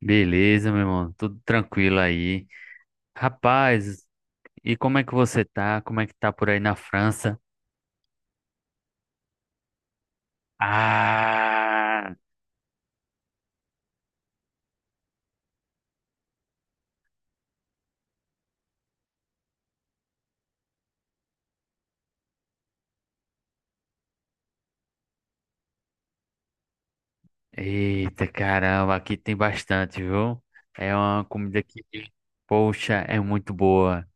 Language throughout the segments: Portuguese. Beleza, meu irmão, tudo tranquilo aí. Rapaz, e como é que você tá? Como é que tá por aí na França? Ah, eita caramba, aqui tem bastante, viu? É uma comida que, poxa, é muito boa.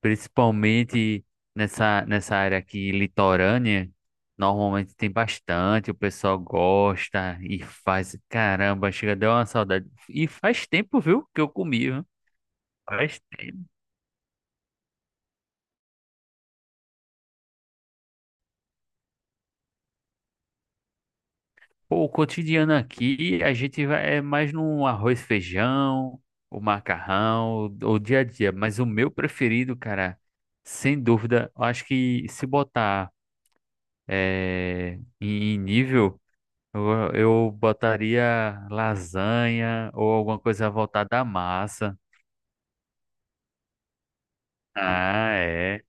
Principalmente nessa área aqui litorânea, normalmente tem bastante, o pessoal gosta e faz. Caramba, chega, deu uma saudade. E faz tempo, viu, que eu comi, viu? Faz tempo. Pô, o cotidiano aqui, a gente vai, é mais no arroz, feijão, o macarrão, o dia a dia. Mas o meu preferido, cara, sem dúvida, eu acho que se botar em nível, eu botaria lasanha ou alguma coisa voltada à massa. Ah, é.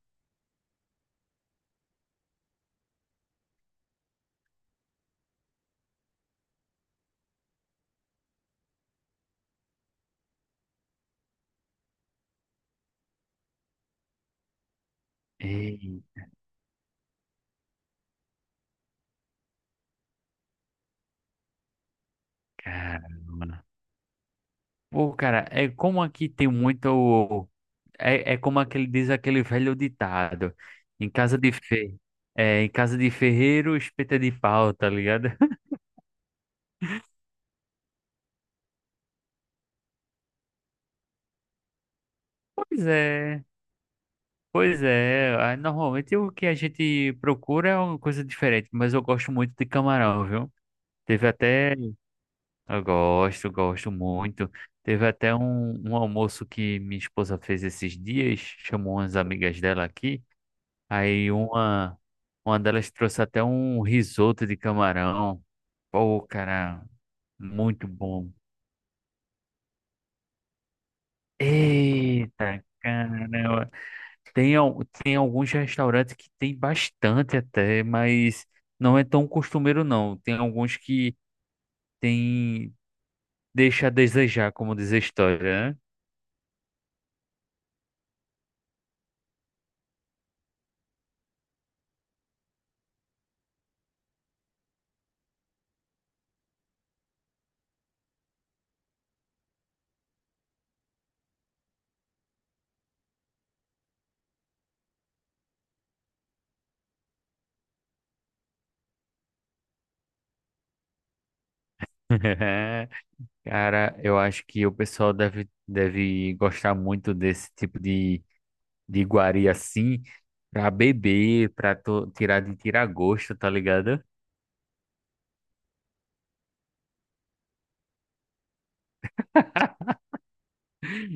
Ei, cara. Pô, cara, é como aqui tem muito. É, é como aquele, diz aquele velho ditado. Em casa de fe... É, em casa de ferreiro, espeta de pau, tá ligado? Pois é, pois é. Ah, normalmente o que a gente procura é uma coisa diferente, mas eu gosto muito de camarão, viu? Teve até. Eu gosto, gosto muito. Teve até um almoço que minha esposa fez esses dias, chamou umas amigas dela aqui. Aí uma, uma delas trouxe até um risoto de camarão. Pô, cara. Muito bom. Eita, caramba. Tem alguns restaurantes que tem bastante até, mas não é tão costumeiro não. Tem alguns que tem, deixa a desejar, como diz a história, né? Cara, eu acho que o pessoal deve gostar muito desse tipo de iguaria assim, pra beber, tirar de tirar gosto, tá ligado?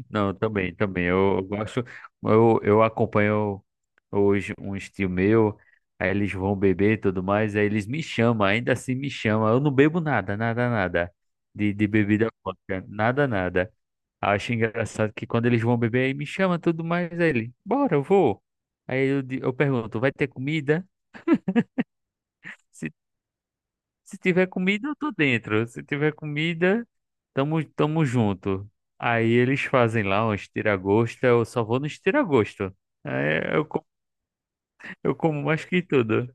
Não, também, também. Eu gosto, eu acompanho hoje um estilo meu, aí eles vão beber e tudo mais, aí eles me chamam, ainda assim me chamam. Eu não bebo nada, nada, nada de, de bebida alcoólica, nada, nada. Acho engraçado que quando eles vão beber, aí me chama tudo mais, aí ele, bora, eu vou. Eu pergunto, vai ter comida? Se tiver comida, eu tô dentro. Se tiver comida, tamo, tamo junto. Aí eles fazem lá uns tira-gosto, eu só vou nos tira-gosto. É, eu, co- eu como mais que tudo.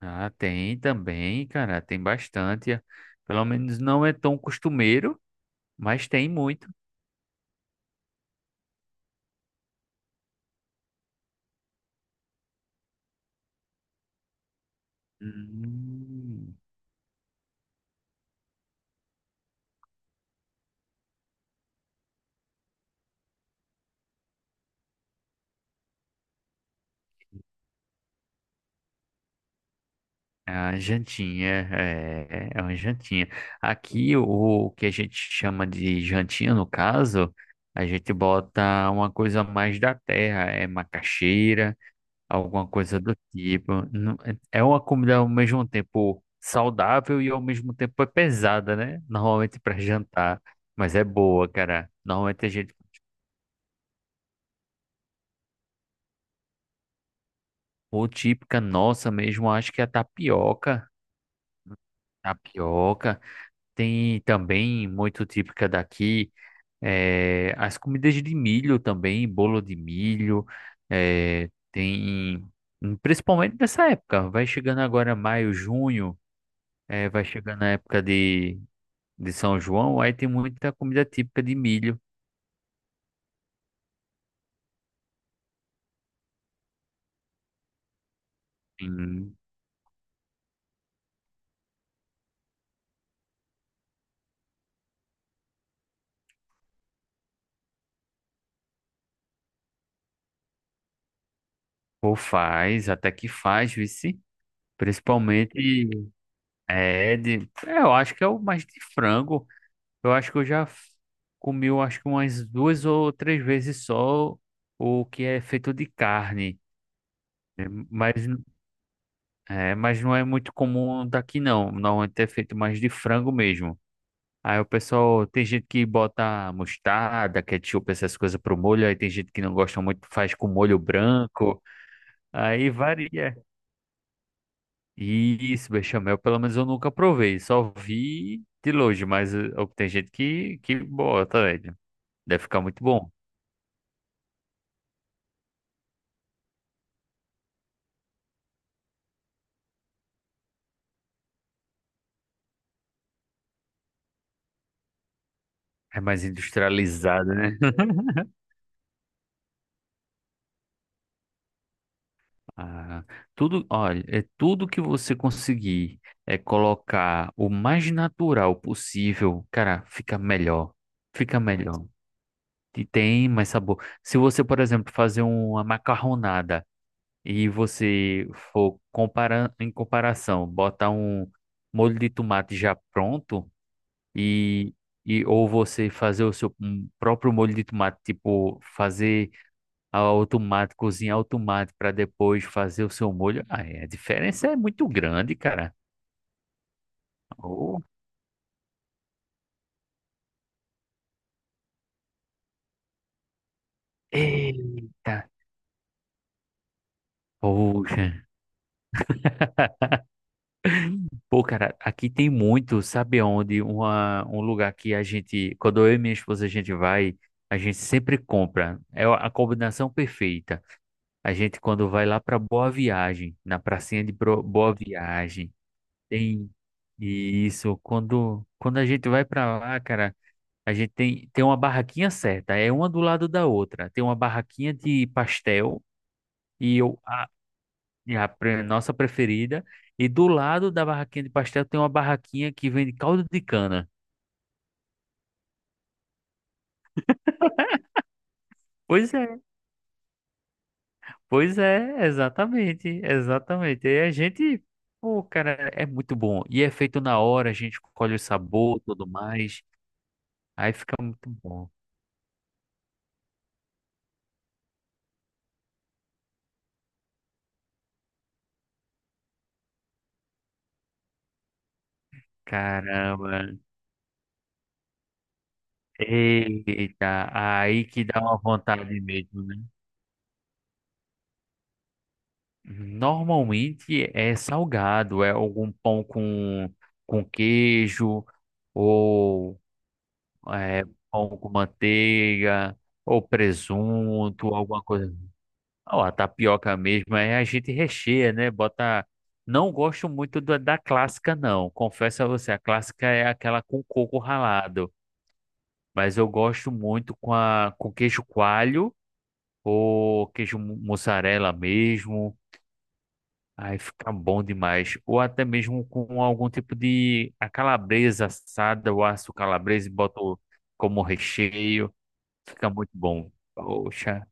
Ah, tem também, cara, tem bastante. Pelo menos não é tão costumeiro, mas tem muito. Hum. É uma jantinha, é, é uma jantinha. Aqui, o, o que a gente chama de jantinha, no caso, a gente bota uma coisa mais da terra, é macaxeira, alguma coisa do tipo. Não- é uma comida ao mesmo tempo saudável e ao mesmo tempo é pesada, né? Normalmente para jantar, mas é boa, cara. Normalmente a gente, ou típica nossa mesmo, acho que é a tapioca. Tapioca tem também muito típica daqui. As comidas de milho também, bolo de milho, eh, tem principalmente nessa época, vai chegando agora maio, junho, vai chegando a época de São João, aí tem muita comida típica de milho. Hum, Ou faz, até que faz, vice. Principalmente é, eu acho que é o mais de frango. Eu acho que eu já f- Comi, eu acho que umas duas ou três vezes só o que é feito de carne. Né? Mas, é, mas não é muito comum daqui não. Normalmente é feito mais de frango mesmo. Aí o pessoal, tem gente que bota mostarda, ketchup, essas coisas pro molho. Aí tem gente que não gosta muito, faz com molho branco. Aí varia. Isso, bechamel, pelo menos eu nunca provei. Só vi de longe, mas tem gente que bota, velho. Deve ficar muito bom. É mais industrializado, né? Ah, tudo, olha, é tudo que você conseguir é colocar o mais natural possível, cara, fica melhor. Fica melhor. E tem mais sabor. Se você, por exemplo, fazer uma macarronada e você for comparando em comparação, botar um molho de tomate já pronto e, e ou você fazer o seu um próprio molho de tomate, tipo, fazer automático, cozinhar automático para depois fazer o seu molho. Ah, é, a diferença é muito grande, cara. Oh, eita, poxa. Pô, cara, aqui tem muito, sabe onde? Um lugar que a gente, quando eu e minha esposa a gente vai, a gente sempre compra. É a combinação perfeita. A gente, quando vai lá para Boa Viagem, na Boa Viagem, tem isso. Quando a gente vai para lá, cara. Tem uma barraquinha certa, é uma do lado da outra. Tem uma barraquinha de pastel e eu, a, e a pre- nossa preferida. E do lado da barraquinha de pastel tem uma barraquinha que vende caldo de cana. Pois é, pois é, exatamente, exatamente. E a gente, pô, cara, é muito bom. E é feito na hora, a gente escolhe o sabor, tudo mais. Aí fica muito bom. Caramba. Eita, aí que dá uma vontade mesmo, né? Normalmente é salgado, é algum pão com queijo, ou é, pão com manteiga, ou presunto, alguma coisa. Ou a tapioca mesmo, aí a gente recheia, né? Bota. Não gosto muito da, da clássica, não. Confesso a você, a clássica é aquela com coco ralado. Mas eu gosto muito com, a, com queijo coalho ou mussarela mesmo. Aí fica bom demais. Ou até mesmo com algum tipo de a calabresa assada, o aço calabresa e boto como recheio. Fica muito bom. Poxa.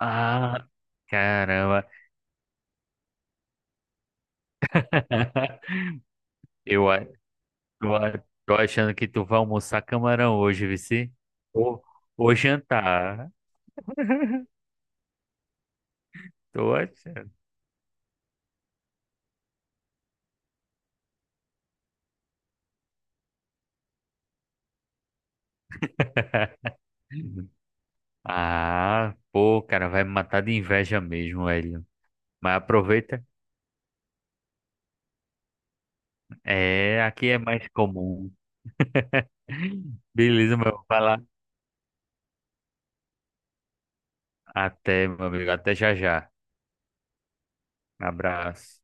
Ah, caramba. Eu, a- eu a- Tô achando que tu vai almoçar camarão hoje, Vici. Ou, ou jantar. Tô achando. Ah, pô, cara, vai me matar de inveja mesmo, velho. Mas aproveita. É, aqui é mais comum. Beleza, meu. Vai lá. Até, meu amigo. Até já já. Abraço.